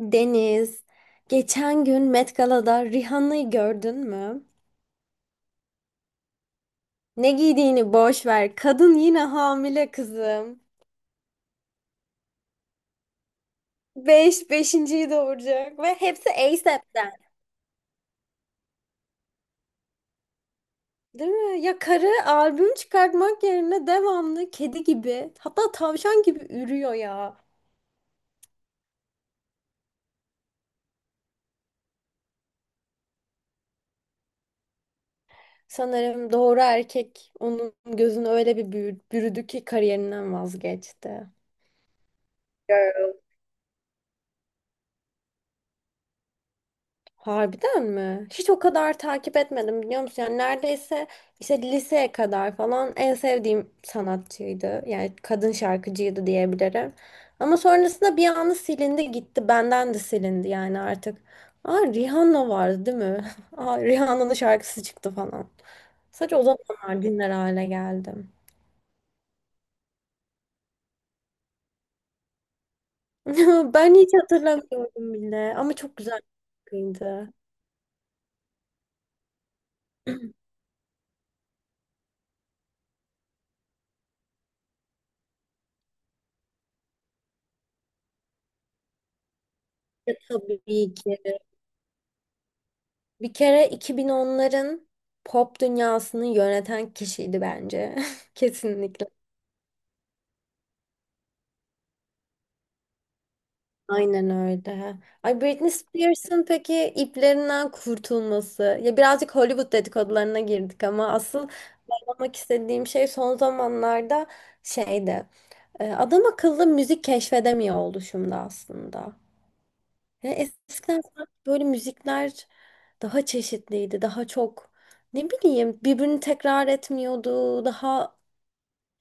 Deniz, geçen gün Met Gala'da Rihanna'yı gördün mü? Ne giydiğini boş ver. Kadın yine hamile kızım. Beş, beşinciyi doğuracak ve hepsi A$AP'ten. Değil mi? Ya karı albüm çıkartmak yerine devamlı kedi gibi hatta tavşan gibi ürüyor ya. Sanırım doğru erkek onun gözünü öyle bir bürüdü ki kariyerinden vazgeçti. Harbiden mi? Hiç o kadar takip etmedim biliyor musun? Yani neredeyse işte liseye kadar falan en sevdiğim sanatçıydı. Yani kadın şarkıcıydı diyebilirim. Ama sonrasında bir anda silindi gitti. Benden de silindi yani artık. Aa, Rihanna vardı değil mi? Aa, Rihanna'nın şarkısı çıktı falan. Sadece o zamanlar dinler hale geldim. Ben hiç hatırlamıyorum bile ama çok güzel bir şarkıydı. Ya tabii ki. Bir kere 2010'ların pop dünyasını yöneten kişiydi bence. Kesinlikle. Aynen öyle. Ay Britney Spears'ın peki iplerinden kurtulması. Ya birazcık Hollywood dedikodularına girdik ama asıl anlamak istediğim şey son zamanlarda şeydi. Adam akıllı müzik keşfedemiyor oluşumda aslında. Ya eskiden sanki böyle müzikler daha çeşitliydi, daha çok ne bileyim birbirini tekrar etmiyordu, daha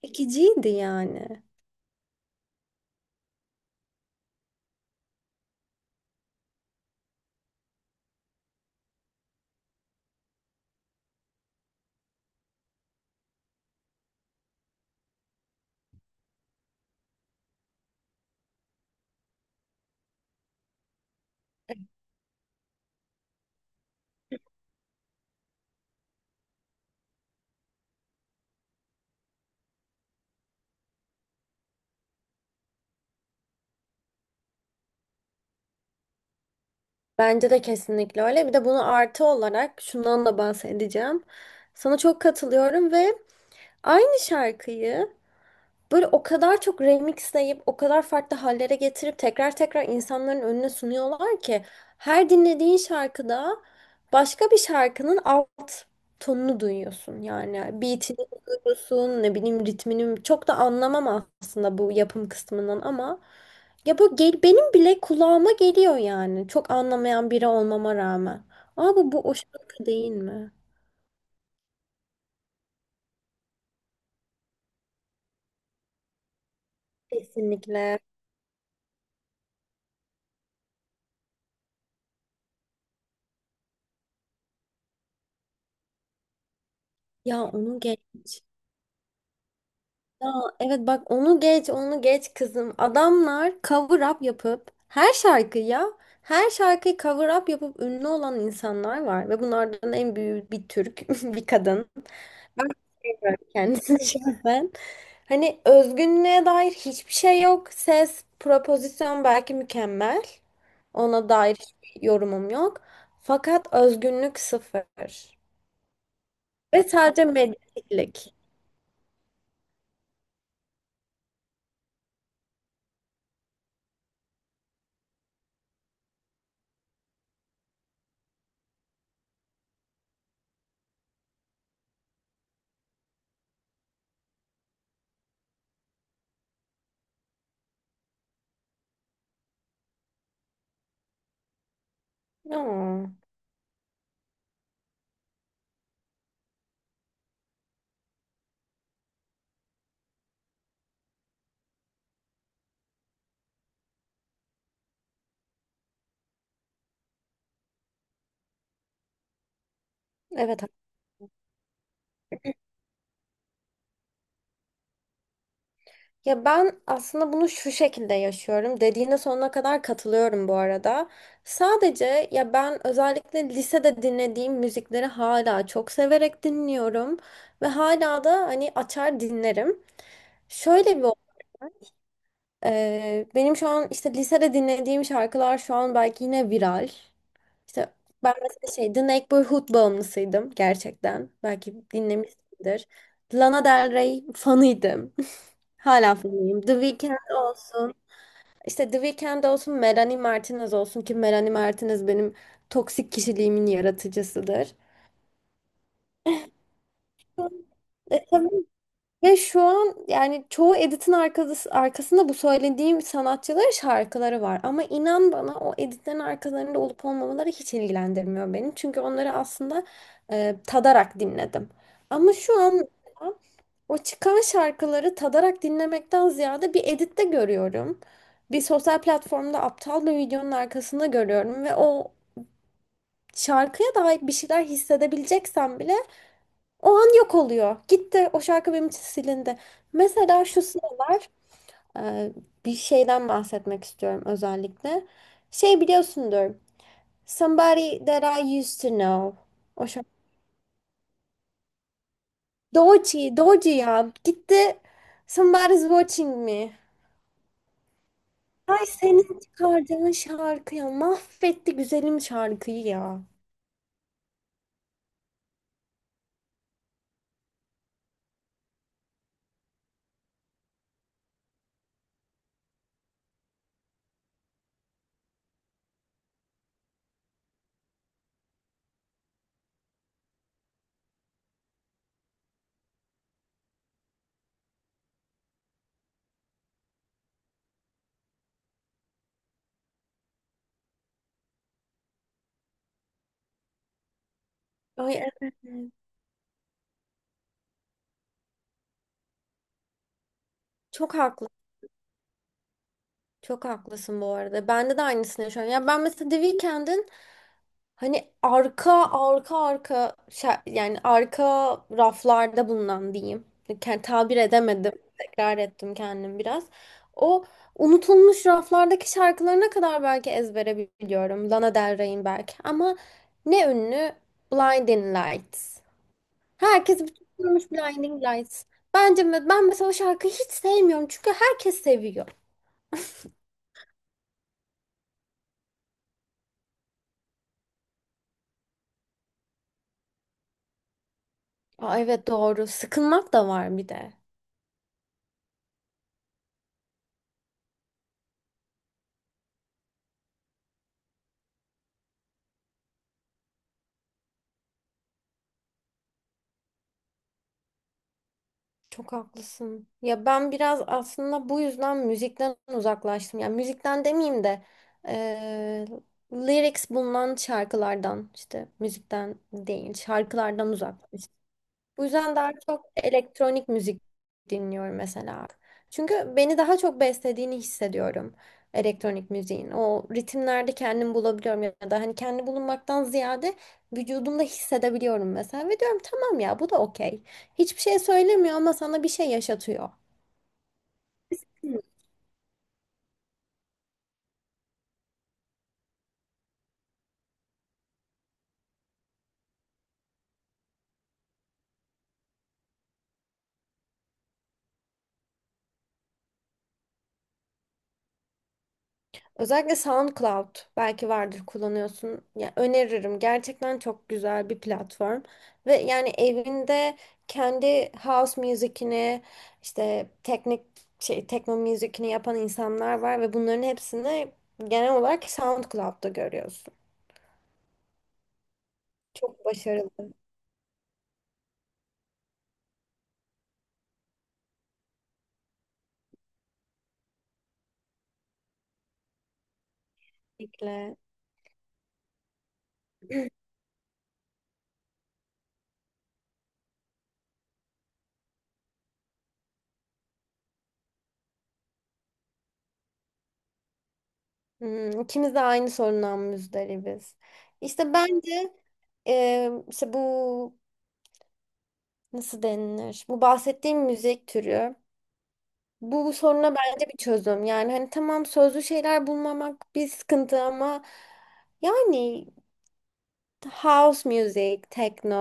çekiciydi yani. Bence de kesinlikle öyle. Bir de bunu artı olarak şundan da bahsedeceğim. Sana çok katılıyorum ve aynı şarkıyı böyle o kadar çok remixleyip, o kadar farklı hallere getirip tekrar tekrar insanların önüne sunuyorlar ki her dinlediğin şarkıda başka bir şarkının alt tonunu duyuyorsun. Yani beatini duyuyorsun, ne bileyim ritmini çok da anlamam aslında bu yapım kısmından ama ya bu gel, benim bile kulağıma geliyor yani. Çok anlamayan biri olmama rağmen. Ama bu o şarkı değil mi? Kesinlikle. Ya onu Ya evet bak onu geç onu geç kızım. Adamlar cover up yapıp her şarkıyı ya her şarkıyı cover up yapıp ünlü olan insanlar var ve bunlardan en büyüğü bir Türk bir kadın. Evet. Kendisi şahsen. Hani özgünlüğe dair hiçbir şey yok. Ses, propozisyon belki mükemmel. Ona dair hiçbir yorumum yok. Fakat özgünlük sıfır. Ve sadece medyatiklik. Aa, evet. Ya ben aslında bunu şu şekilde yaşıyorum. Dediğine sonuna kadar katılıyorum bu arada. Sadece ya ben özellikle lisede dinlediğim müzikleri hala çok severek dinliyorum ve hala da hani açar dinlerim. Şöyle bir, benim şu an işte lisede dinlediğim şarkılar şu an belki yine viral. İşte ben mesela şey The Neighborhood bağımlısıydım gerçekten. Belki dinlemişsindir. Lana Del Rey fanıydım. Hala fanıyım. The Weeknd olsun. İşte The Weeknd olsun, Melanie Martinez olsun ki Melanie Martinez benim toksik kişiliğimin yaratıcısıdır. E, tabii. Ve şu an yani çoğu editin arkasında bu söylediğim sanatçıların şarkıları var. Ama inan bana o editlerin arkalarında olup olmamaları hiç ilgilendirmiyor beni. Çünkü onları aslında tadarak dinledim. Ama şu an o çıkan şarkıları tadarak dinlemekten ziyade bir editte görüyorum. Bir sosyal platformda aptal bir videonun arkasında görüyorum ve o şarkıya dair bir şeyler hissedebileceksem bile o an yok oluyor. Gitti o şarkı benim için silindi. Mesela şu sıralar e, bir şeyden bahsetmek istiyorum özellikle. Şey biliyorsundur. Somebody That I Used to Know. O şarkı. Doji, doji ya. Gitti. Somebody's Watching Me. Ay senin çıkardığın şarkı ya mahvetti güzelim şarkıyı ya. Ay evet. Çok haklı. Çok haklısın bu arada. Bende de aynısını yaşıyorum. Ya ben mesela The Weeknd'in hani arka arka arka yani arka raflarda bulunan diyeyim. Yani tabir edemedim. Tekrar ettim kendim biraz. O unutulmuş raflardaki şarkılarına kadar belki ezbere biliyorum. Lana Del Rey'in belki. Ama ne ünlü? Blinding Lights. Herkes bitirmiş Blinding Lights. Bence ben mesela o şarkıyı hiç sevmiyorum çünkü herkes seviyor. Aa, evet doğru. Sıkılmak da var bir de. Çok haklısın. Ya ben biraz aslında bu yüzden müzikten uzaklaştım. Yani müzikten demeyeyim de eee, lyrics bulunan şarkılardan, işte müzikten değil şarkılardan uzak. Bu yüzden daha çok elektronik müzik dinliyorum mesela. Çünkü beni daha çok beslediğini hissediyorum elektronik müziğin. O ritimlerde kendimi bulabiliyorum ya da hani kendi bulunmaktan ziyade vücudumda hissedebiliyorum mesela. Ve diyorum tamam ya bu da okey. Hiçbir şey söylemiyor ama sana bir şey yaşatıyor. Hmm. Özellikle SoundCloud, belki vardır kullanıyorsun. Ya öneririm. Gerçekten çok güzel bir platform. Ve yani evinde kendi house müzikini, işte teknik şey tekno müzikini yapan insanlar var ve bunların hepsini genel olarak SoundCloud'da görüyorsun. Çok başarılı. Kesinlikle. Hmm, ikimiz de aynı sorundan muzdaribiz. İşte bence, işte bu nasıl denilir? Bu bahsettiğim müzik türü bu soruna bence bir çözüm. Yani hani tamam sözlü şeyler bulmamak bir sıkıntı ama yani house music, techno,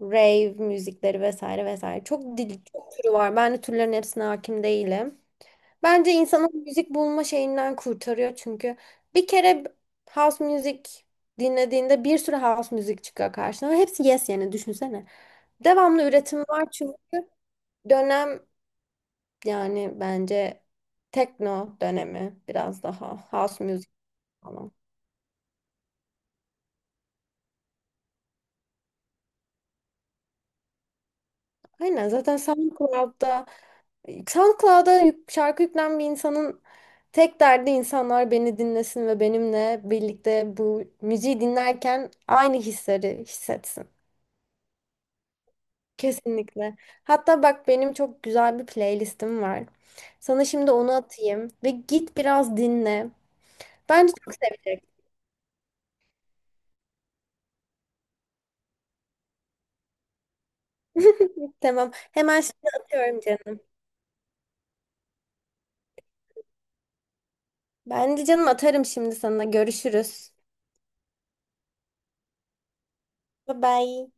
rave müzikleri vesaire vesaire çok dil çok türü var. Ben de türlerin hepsine hakim değilim. Bence insanın müzik bulma şeyinden kurtarıyor çünkü bir kere house music dinlediğinde bir sürü house müzik çıkıyor karşına ve hepsi yes yani düşünsene. Devamlı üretim var çünkü dönem, yani bence tekno dönemi biraz daha house music falan. Aynen, zaten SoundCloud'da şarkı yüklen bir insanın tek derdi insanlar beni dinlesin ve benimle birlikte bu müziği dinlerken aynı hisleri hissetsin. Kesinlikle. Hatta bak benim çok güzel bir playlistim var. Sana şimdi onu atayım ve git biraz dinle. Bence çok seveceksin. Tamam. Hemen şimdi atıyorum canım. Ben de canım atarım şimdi sana. Görüşürüz. Bye bye.